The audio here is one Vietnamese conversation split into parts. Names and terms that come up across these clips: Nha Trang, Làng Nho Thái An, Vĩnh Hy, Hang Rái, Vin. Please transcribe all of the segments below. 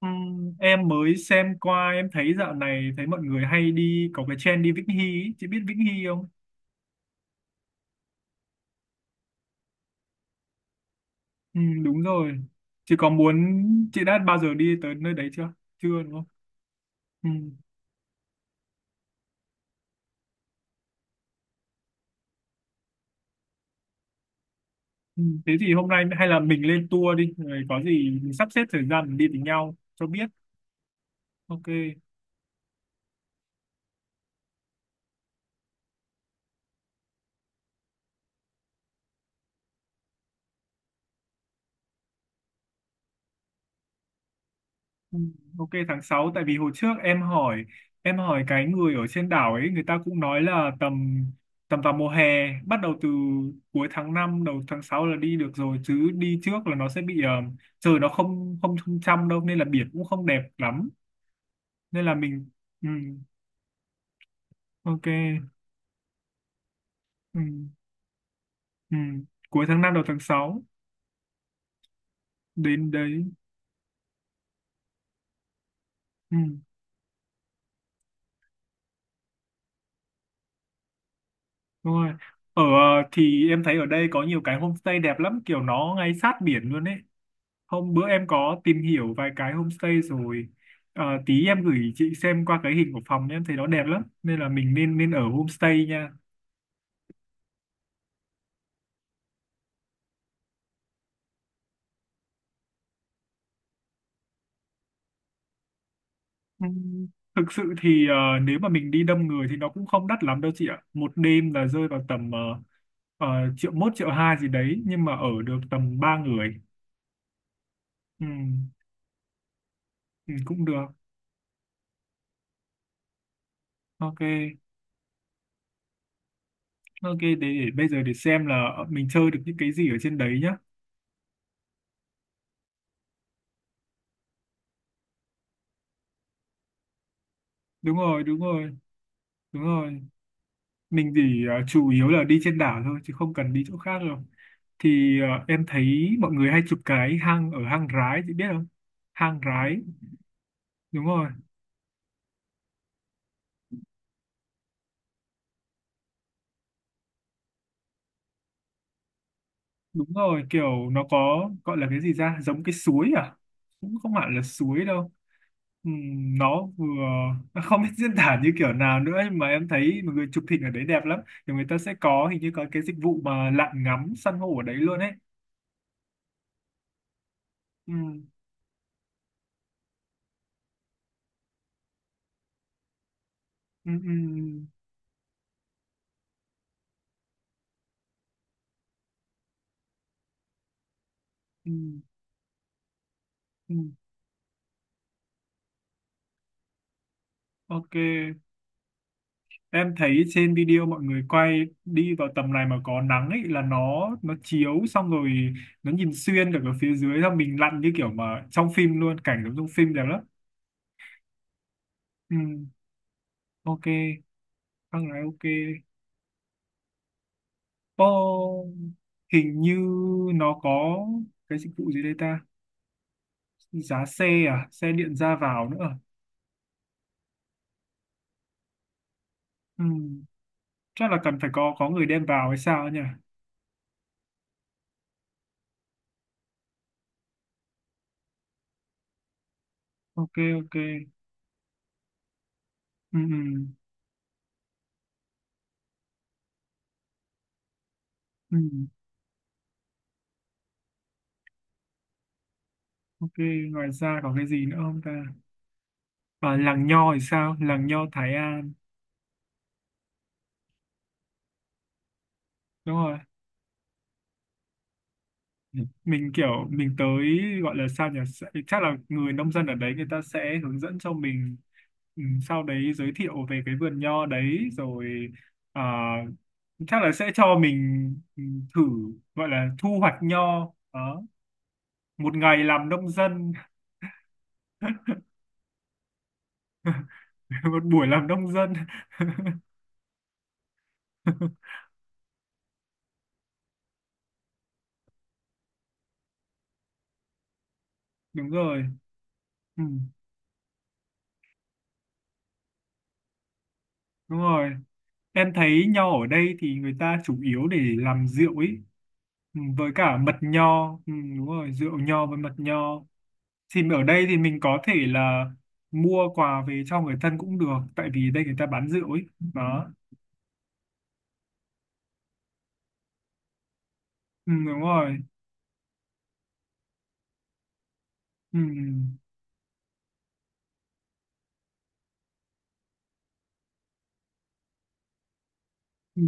Em mới xem qua, em thấy dạo này thấy mọi người hay đi, có cái trend đi Vĩnh Hy ý. Chị biết Vĩnh Hy không? Đúng rồi. Chị có muốn Chị đã bao giờ đi tới nơi đấy chưa? Chưa đúng không? Ừm, Thế thì hôm nay hay là mình lên tour đi, rồi có gì mình sắp xếp thời gian mình đi với nhau cho biết. Ok. Ừ, ok tháng sáu, tại vì hồi trước em hỏi, cái người ở trên đảo ấy người ta cũng nói là tầm tầm vào mùa hè, bắt đầu từ cuối tháng 5 đầu tháng 6 là đi được rồi, chứ đi trước là nó sẽ bị trời nó không không trong trong đâu, nên là biển cũng không đẹp lắm. Nên là mình, ừ, ok. Ừ, ừ, cuối tháng 5 đầu tháng 6 đến đấy. Ừ, đúng rồi. Thì em thấy ở đây có nhiều cái homestay đẹp lắm, kiểu nó ngay sát biển luôn ấy. Hôm bữa em có tìm hiểu vài cái homestay rồi. Tí em gửi chị xem qua cái hình của phòng nhé, em thấy nó đẹp lắm. Nên là mình nên nên ở homestay nha. Ừ, thực sự thì nếu mà mình đi đông người thì nó cũng không đắt lắm đâu chị ạ. Một đêm là rơi vào tầm triệu mốt triệu hai gì đấy, nhưng mà ở được tầm ba người. Ừ, ừ, cũng được. Ok. Ok để bây giờ để xem là mình chơi được những cái gì ở trên đấy nhá. Đúng rồi, đúng rồi, đúng rồi, mình chỉ chủ yếu là đi trên đảo thôi chứ không cần đi chỗ khác đâu. Thì em thấy mọi người hay chụp cái hang ở hang Rái, chị biết không? Hang Rái. Đúng rồi, đúng rồi, kiểu nó có gọi là cái gì ra giống cái suối à? Cũng không hẳn là suối đâu. Nó vừa không biết diễn tả như kiểu nào nữa, nhưng mà em thấy mọi người chụp hình ở đấy đẹp lắm. Thì người ta sẽ có, hình như có cái dịch vụ mà lặn ngắm san hô ở đấy luôn ấy. Ừm, ừm, ừm, ừm, ừm. Ok. Em thấy trên video mọi người quay đi vào tầm này mà có nắng ấy, là nó chiếu, xong rồi nó nhìn xuyên cả cái phía dưới, xong mình lặn như kiểu mà trong phim luôn, cảnh giống trong phim đẹp lắm. Ừ, ok, thằng này ok. Ô, hình như nó có cái dịch vụ gì đây ta? Giá xe à, xe điện ra vào nữa à? Ừ, chắc là cần phải có người đem vào hay sao ấy nhỉ? Ok, ok. Ừ, ừ, ừ. Ok, ngoài ra có cái gì nữa không ta? Và làng Nho thì sao, làng Nho Thái An? Đúng rồi, mình kiểu mình tới, gọi là sao nhỉ, sẽ- chắc là người nông dân ở đấy người ta sẽ hướng dẫn cho mình, ừ, sau đấy giới thiệu về cái vườn nho đấy rồi, à, chắc là sẽ cho mình thử, gọi là thu hoạch nho đó. Một ngày làm nông dân. Một buổi làm nông dân. Đúng rồi, ừ, đúng rồi, em thấy nho ở đây thì người ta chủ yếu để làm rượu ấy. Ừ, với cả mật nho, ừ, đúng rồi, rượu nho với mật nho. Thì ở đây thì mình có thể là mua quà về cho người thân cũng được, tại vì đây người ta bán rượu ấy. Đó. Ừ, đúng rồi. Ừ, ừ,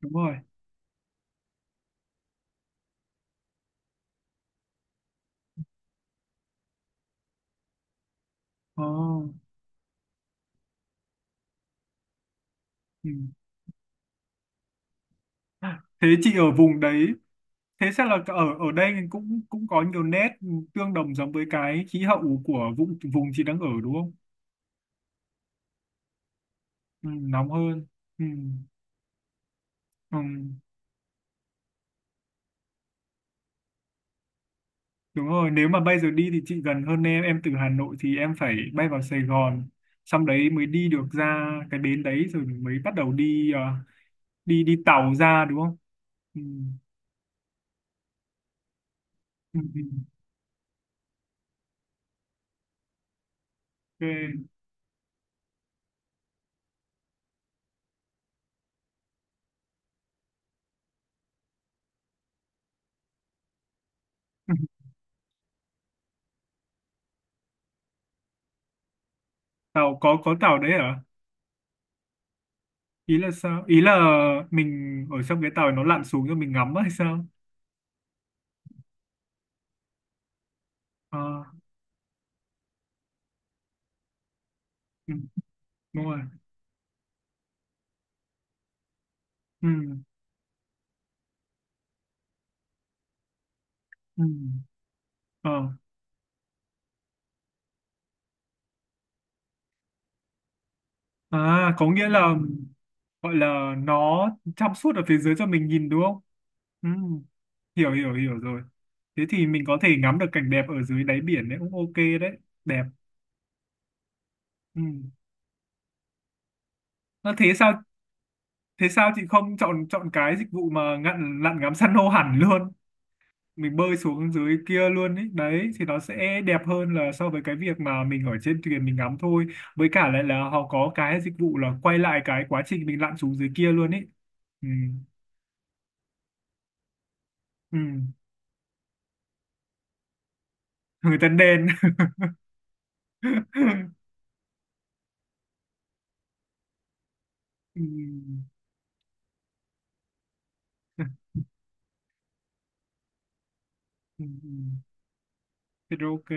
đúng rồi. Oh, ừ. Thế chị ở vùng đấy, thế chắc là ở ở đây cũng cũng có nhiều nét tương đồng giống với cái khí hậu của vùng vùng chị đang ở đúng không? Ừ, nóng hơn. Ừ, ừ. Đúng rồi, nếu mà bây giờ đi thì chị gần hơn em từ Hà Nội thì em phải bay vào Sài Gòn, xong đấy mới đi được ra cái bến đấy rồi mới bắt đầu đi đi đi tàu ra đúng không? Ừ. Ừ. Ừ. Ok. Tàu có tàu đấy hả? Ý là sao? Ý là mình ở trong cái tàu nó lặn xuống cho mình ngắm á hay sao? Ờ, ừ, đúng rồi. Ừ, ừ, ờ. À, có nghĩa là gọi là nó trong suốt ở phía dưới cho mình nhìn đúng không? Ừ. Hiểu hiểu hiểu rồi. Thế thì mình có thể ngắm được cảnh đẹp ở dưới đáy biển đấy, cũng ok đấy. Đẹp. Ừ. Nó thế sao? Thế sao chị không chọn chọn cái dịch vụ mà ngặn lặn ngắm san hô hẳn luôn, mình bơi xuống dưới kia luôn ấy đấy thì nó sẽ đẹp hơn là so với cái việc mà mình ở trên thuyền mình ngắm thôi. Với cả lại là họ có cái dịch vụ là quay lại cái quá trình mình lặn xuống dưới kia luôn ấy. Ừ. Ừ. Người ta đền. Ừ. Ừ. Ừ. Ừ. Thế rồi ok.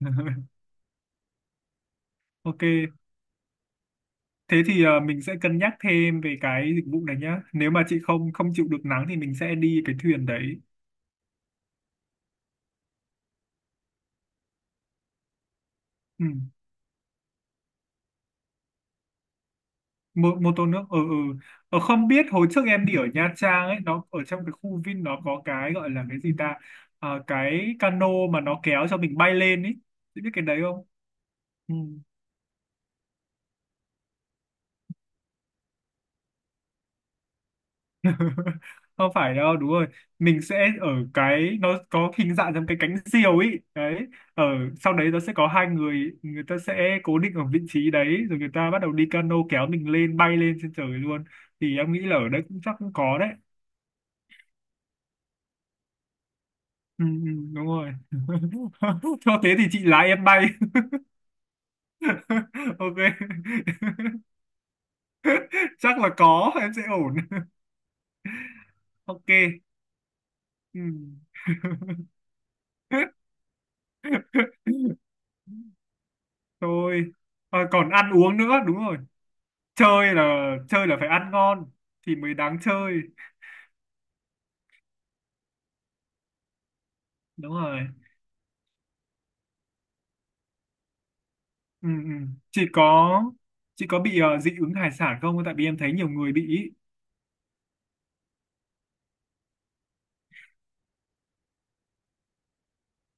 Ok. Thế thì mình sẽ cân nhắc thêm về cái dịch vụ này nhá. Nếu mà chị không không chịu được nắng thì mình sẽ đi cái thuyền đấy. Ừ. Mô tô nước. Ừ, ừ. Không biết hồi trước em đi ở Nha Trang ấy, nó ở trong cái khu Vin nó có cái gọi là cái gì ta? Cái cano mà nó kéo cho mình bay lên ấy. Chị biết cái đấy không? Ừ. Không phải đâu, đúng rồi, mình sẽ ở cái nó có hình dạng giống cái cánh diều ấy đấy, ở sau đấy nó sẽ có hai người, người ta sẽ cố định ở vị trí đấy rồi người ta bắt đầu đi cano kéo mình lên bay lên trên trời luôn. Thì em nghĩ là ở đấy cũng chắc cũng có đấy. Ừ, ừ, đúng rồi. Cho thế thì chị lái em bay. Ok. Chắc là có em sẽ ổn. Ok. Ừ. Thôi, à, còn ăn uống nữa đúng rồi. Chơi là chơi là phải ăn ngon thì mới đáng chơi. Đúng rồi. Ừ, ừ. chị có chị có bị dị ứng hải sản không, tại vì em thấy nhiều người bị ý.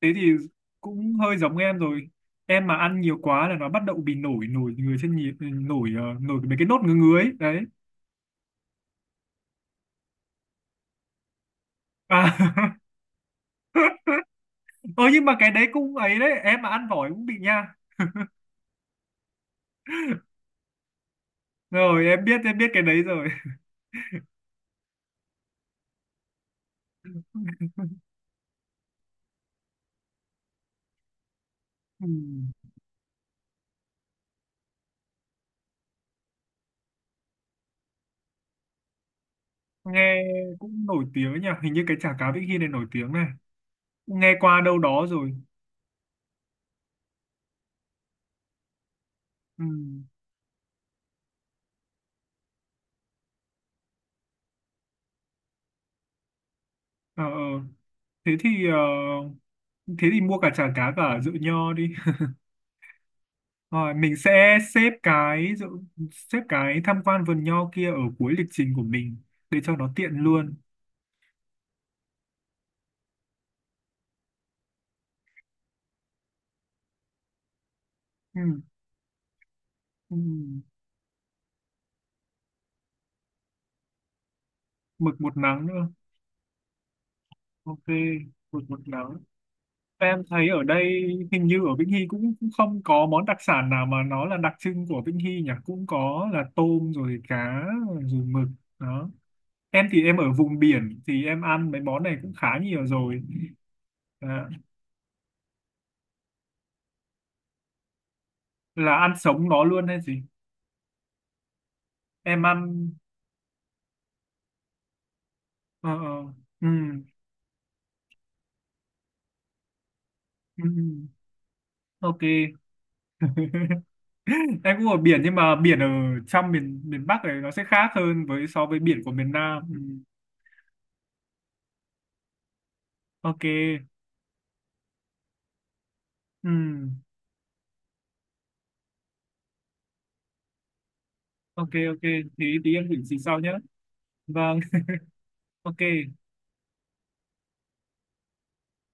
Thế thì cũng hơi giống em rồi, em mà ăn nhiều quá là nó bắt đầu bị nổi nổi người trên nhịp nổi nổi mấy cái nốt ngứa ngứa ấy đấy. À. Ơ nhưng mà cái đấy cũng ấy đấy, em mà ăn tỏi cũng bị nha. Rồi em biết, cái đấy rồi. Ừ. Nghe cũng nổi tiếng nhỉ, hình như cái chả cá Vĩnh Hy này nổi tiếng, này nghe qua đâu đó rồi. Ừ. Ờ, ờ. thế thì ờ, Thế thì mua cả chả cá cả rượu nho đi. Rồi mình sẽ xếp cái rượu- xếp cái tham quan vườn nho kia ở cuối lịch trình của mình để cho nó tiện luôn. Ừ, ừ. Mực một nắng nữa. Ok, mực một nắng. Em thấy ở đây hình như ở Vĩnh Hy cũng không có món đặc sản nào mà nó là đặc trưng của Vĩnh Hy nhỉ. Cũng có là tôm rồi cá rồi mực đó. Em thì em ở vùng biển thì em ăn mấy món này cũng khá nhiều rồi. À, là ăn sống nó luôn hay gì? Em ăn ờ ờ ừ ừ ừ. Ok. Em cũng ở biển nhưng mà biển ở trong miền miền Bắc này nó sẽ khác hơn với so với biển của miền Nam ừ. Ok. Ừ. Ok, ok. Thế tí em gửi chị sau nhé. Vâng. Ok.